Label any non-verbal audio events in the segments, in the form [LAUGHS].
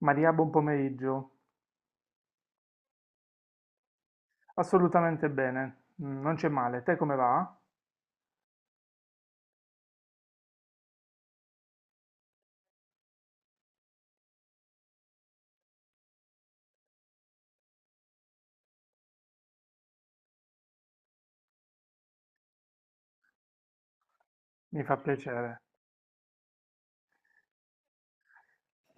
Maria, buon pomeriggio. Assolutamente bene, non c'è male. Te come va? Mi fa piacere.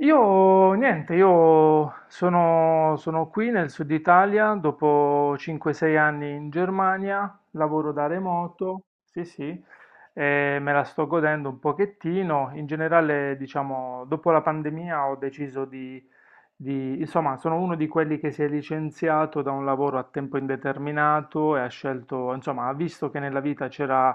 Io niente, io sono qui nel sud Italia dopo 5-6 anni in Germania, lavoro da remoto, sì sì, e me la sto godendo un pochettino. In generale, diciamo, dopo la pandemia ho deciso insomma, sono uno di quelli che si è licenziato da un lavoro a tempo indeterminato e ha scelto, insomma, ha visto che nella vita c'era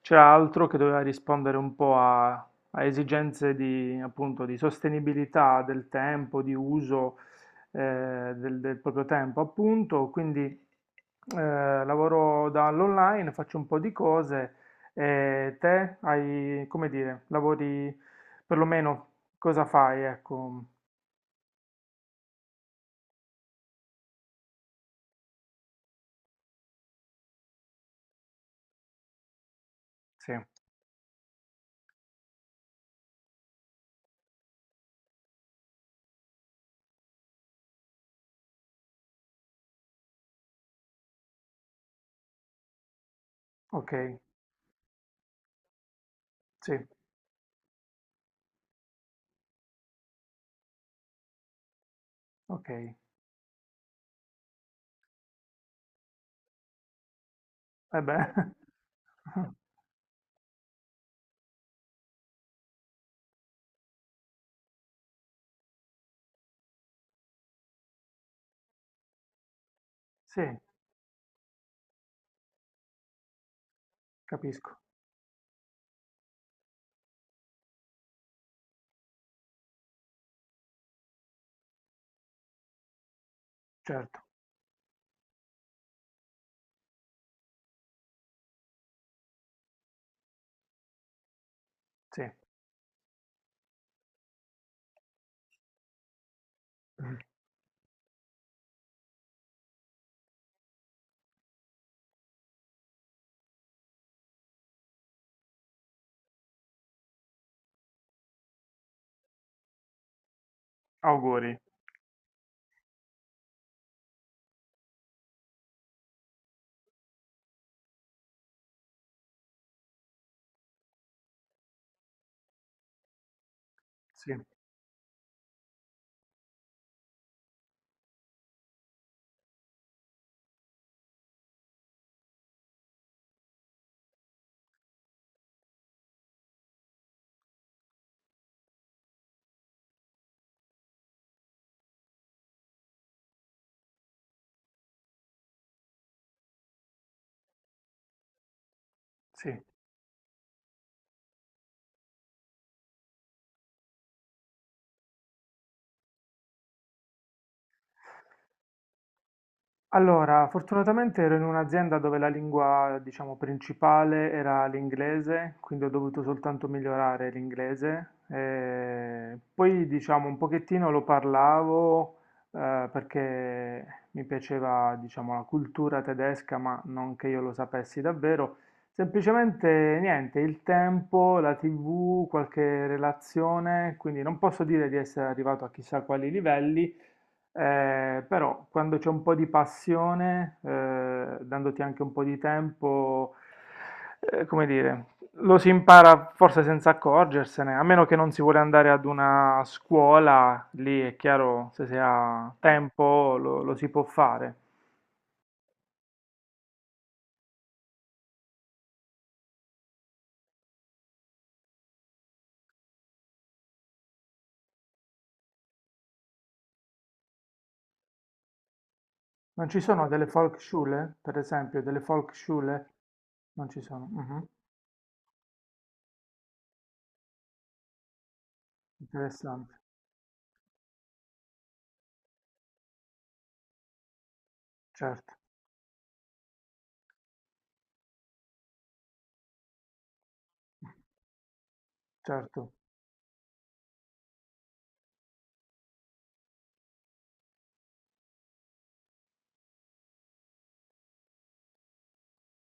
c'era altro che doveva rispondere un po' a esigenze di, appunto, di sostenibilità del tempo, di uso del proprio tempo, appunto. Quindi lavoro dall'online, faccio un po' di cose e te hai, come dire, lavori perlomeno cosa fai? Ecco, sì, ok, sì, ok. E beh, [LAUGHS] sì, capisco, certo, sì. Auguri, sì, sì. Allora, fortunatamente ero in un'azienda dove la lingua, diciamo, principale era l'inglese, quindi ho dovuto soltanto migliorare l'inglese. Poi, diciamo, un pochettino lo parlavo, perché mi piaceva, diciamo, la cultura tedesca, ma non che io lo sapessi davvero. Semplicemente niente, il tempo, la TV, qualche relazione, quindi non posso dire di essere arrivato a chissà quali livelli. Però quando c'è un po' di passione, dandoti anche un po' di tempo, come dire, lo si impara forse senza accorgersene, a meno che non si vuole andare ad una scuola, lì è chiaro, se si ha tempo lo si può fare. Non ci sono delle Volksschule, per esempio, delle Volksschule? Non ci sono. Mhm. Interessante. Certo, certo,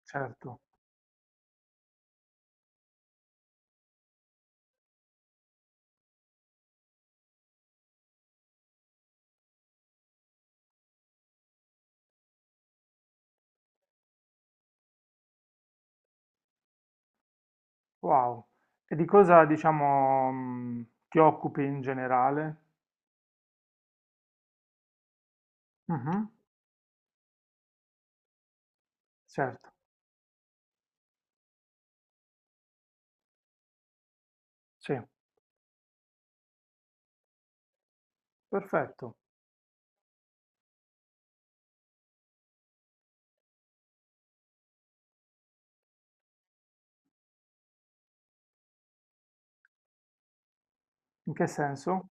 certo. Wow. E di cosa, diciamo, ti occupi in generale? Mhm, certo, sì, perfetto. In che senso?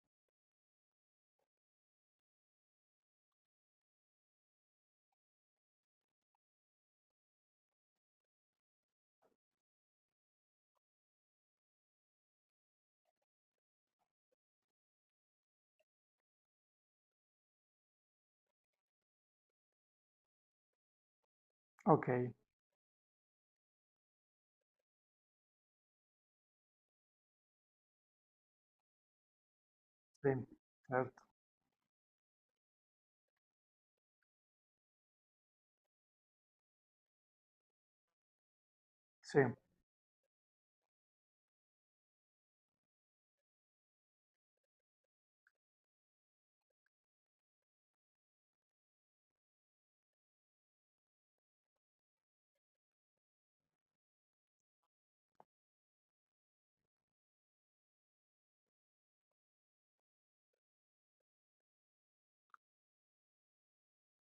Ok, sì, certo, sì,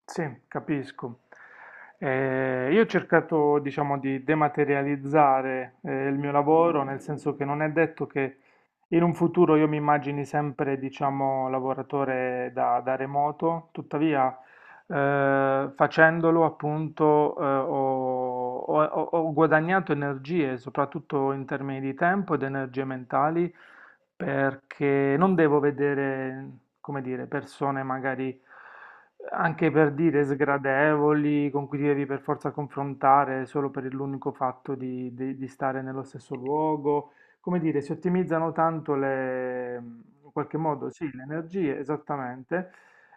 sì, capisco. Io ho cercato, diciamo, di dematerializzare, il mio lavoro, nel senso che non è detto che in un futuro io mi immagini sempre, diciamo, lavoratore da remoto, tuttavia facendolo appunto ho guadagnato energie, soprattutto in termini di tempo ed energie mentali, perché non devo vedere, come dire, persone magari anche per dire sgradevoli, con cui ti devi per forza confrontare solo per l'unico fatto di stare nello stesso luogo. Come dire, si ottimizzano tanto le, in qualche modo, sì, le energie, esattamente.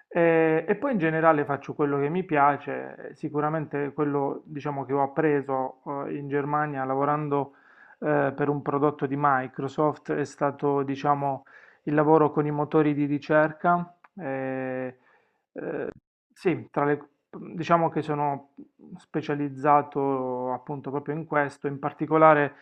E, poi in generale faccio quello che mi piace, sicuramente quello diciamo, che ho appreso in Germania lavorando per un prodotto di Microsoft è stato diciamo, il lavoro con i motori di ricerca. Sì, tra le diciamo che sono specializzato appunto proprio in questo, in particolare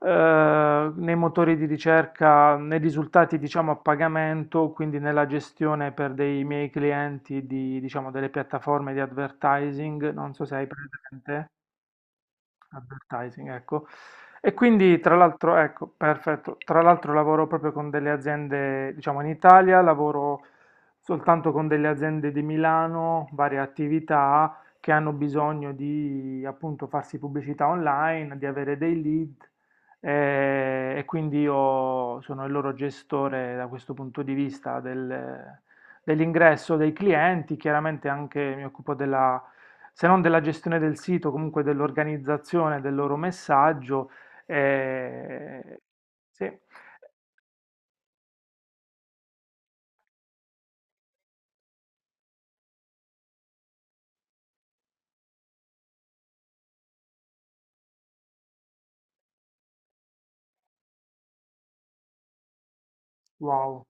nei motori di ricerca, nei risultati diciamo a pagamento, quindi nella gestione per dei miei clienti di, diciamo, delle piattaforme di advertising, non so se hai presente. Advertising, ecco. E quindi tra l'altro, ecco, perfetto, tra l'altro lavoro proprio con delle aziende, diciamo in Italia, lavoro soltanto con delle aziende di Milano, varie attività che hanno bisogno di appunto farsi pubblicità online, di avere dei lead e quindi io sono il loro gestore da questo punto di vista dell'ingresso dei clienti, chiaramente anche mi occupo della se non della gestione del sito, comunque dell'organizzazione del loro messaggio. eh, sì, wow.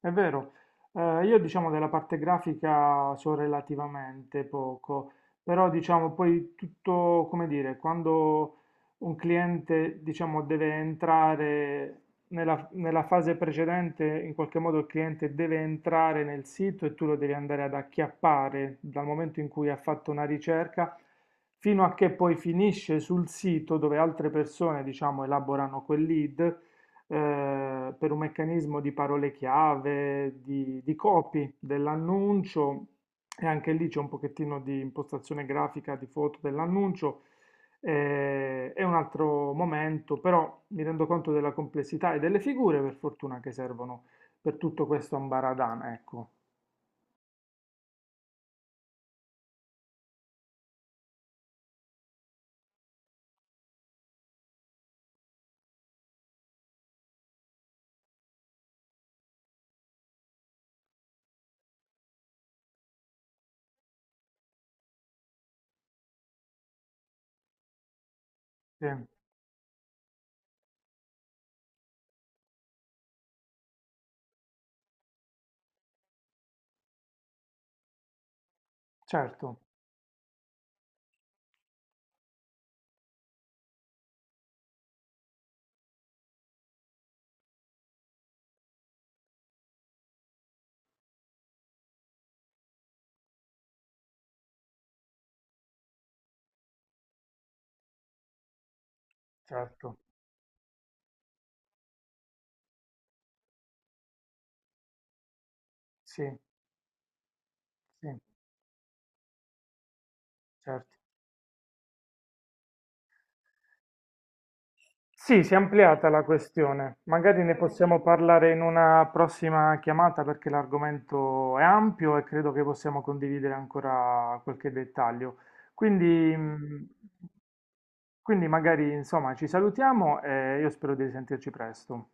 È vero, io diciamo della parte grafica so relativamente poco, però diciamo poi tutto, come dire, quando un cliente diciamo deve entrare nella fase precedente, in qualche modo il cliente deve entrare nel sito e tu lo devi andare ad acchiappare dal momento in cui ha fatto una ricerca fino a che poi finisce sul sito dove altre persone diciamo elaborano quel lead per un meccanismo di parole chiave, di copy dell'annuncio e anche lì c'è un pochettino di impostazione grafica di foto dell'annuncio. È un altro momento, però mi rendo conto della complessità e delle figure, per fortuna, che servono per tutto questo ambaradan, ecco. Sì, certo, certo, sì, sì, certo. Sì, si è ampliata la questione. Magari ne possiamo parlare in una prossima chiamata perché l'argomento è ampio e credo che possiamo condividere ancora qualche dettaglio. Quindi, mh, quindi magari insomma ci salutiamo e io spero di risentirci presto.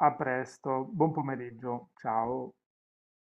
A presto, buon pomeriggio, ciao.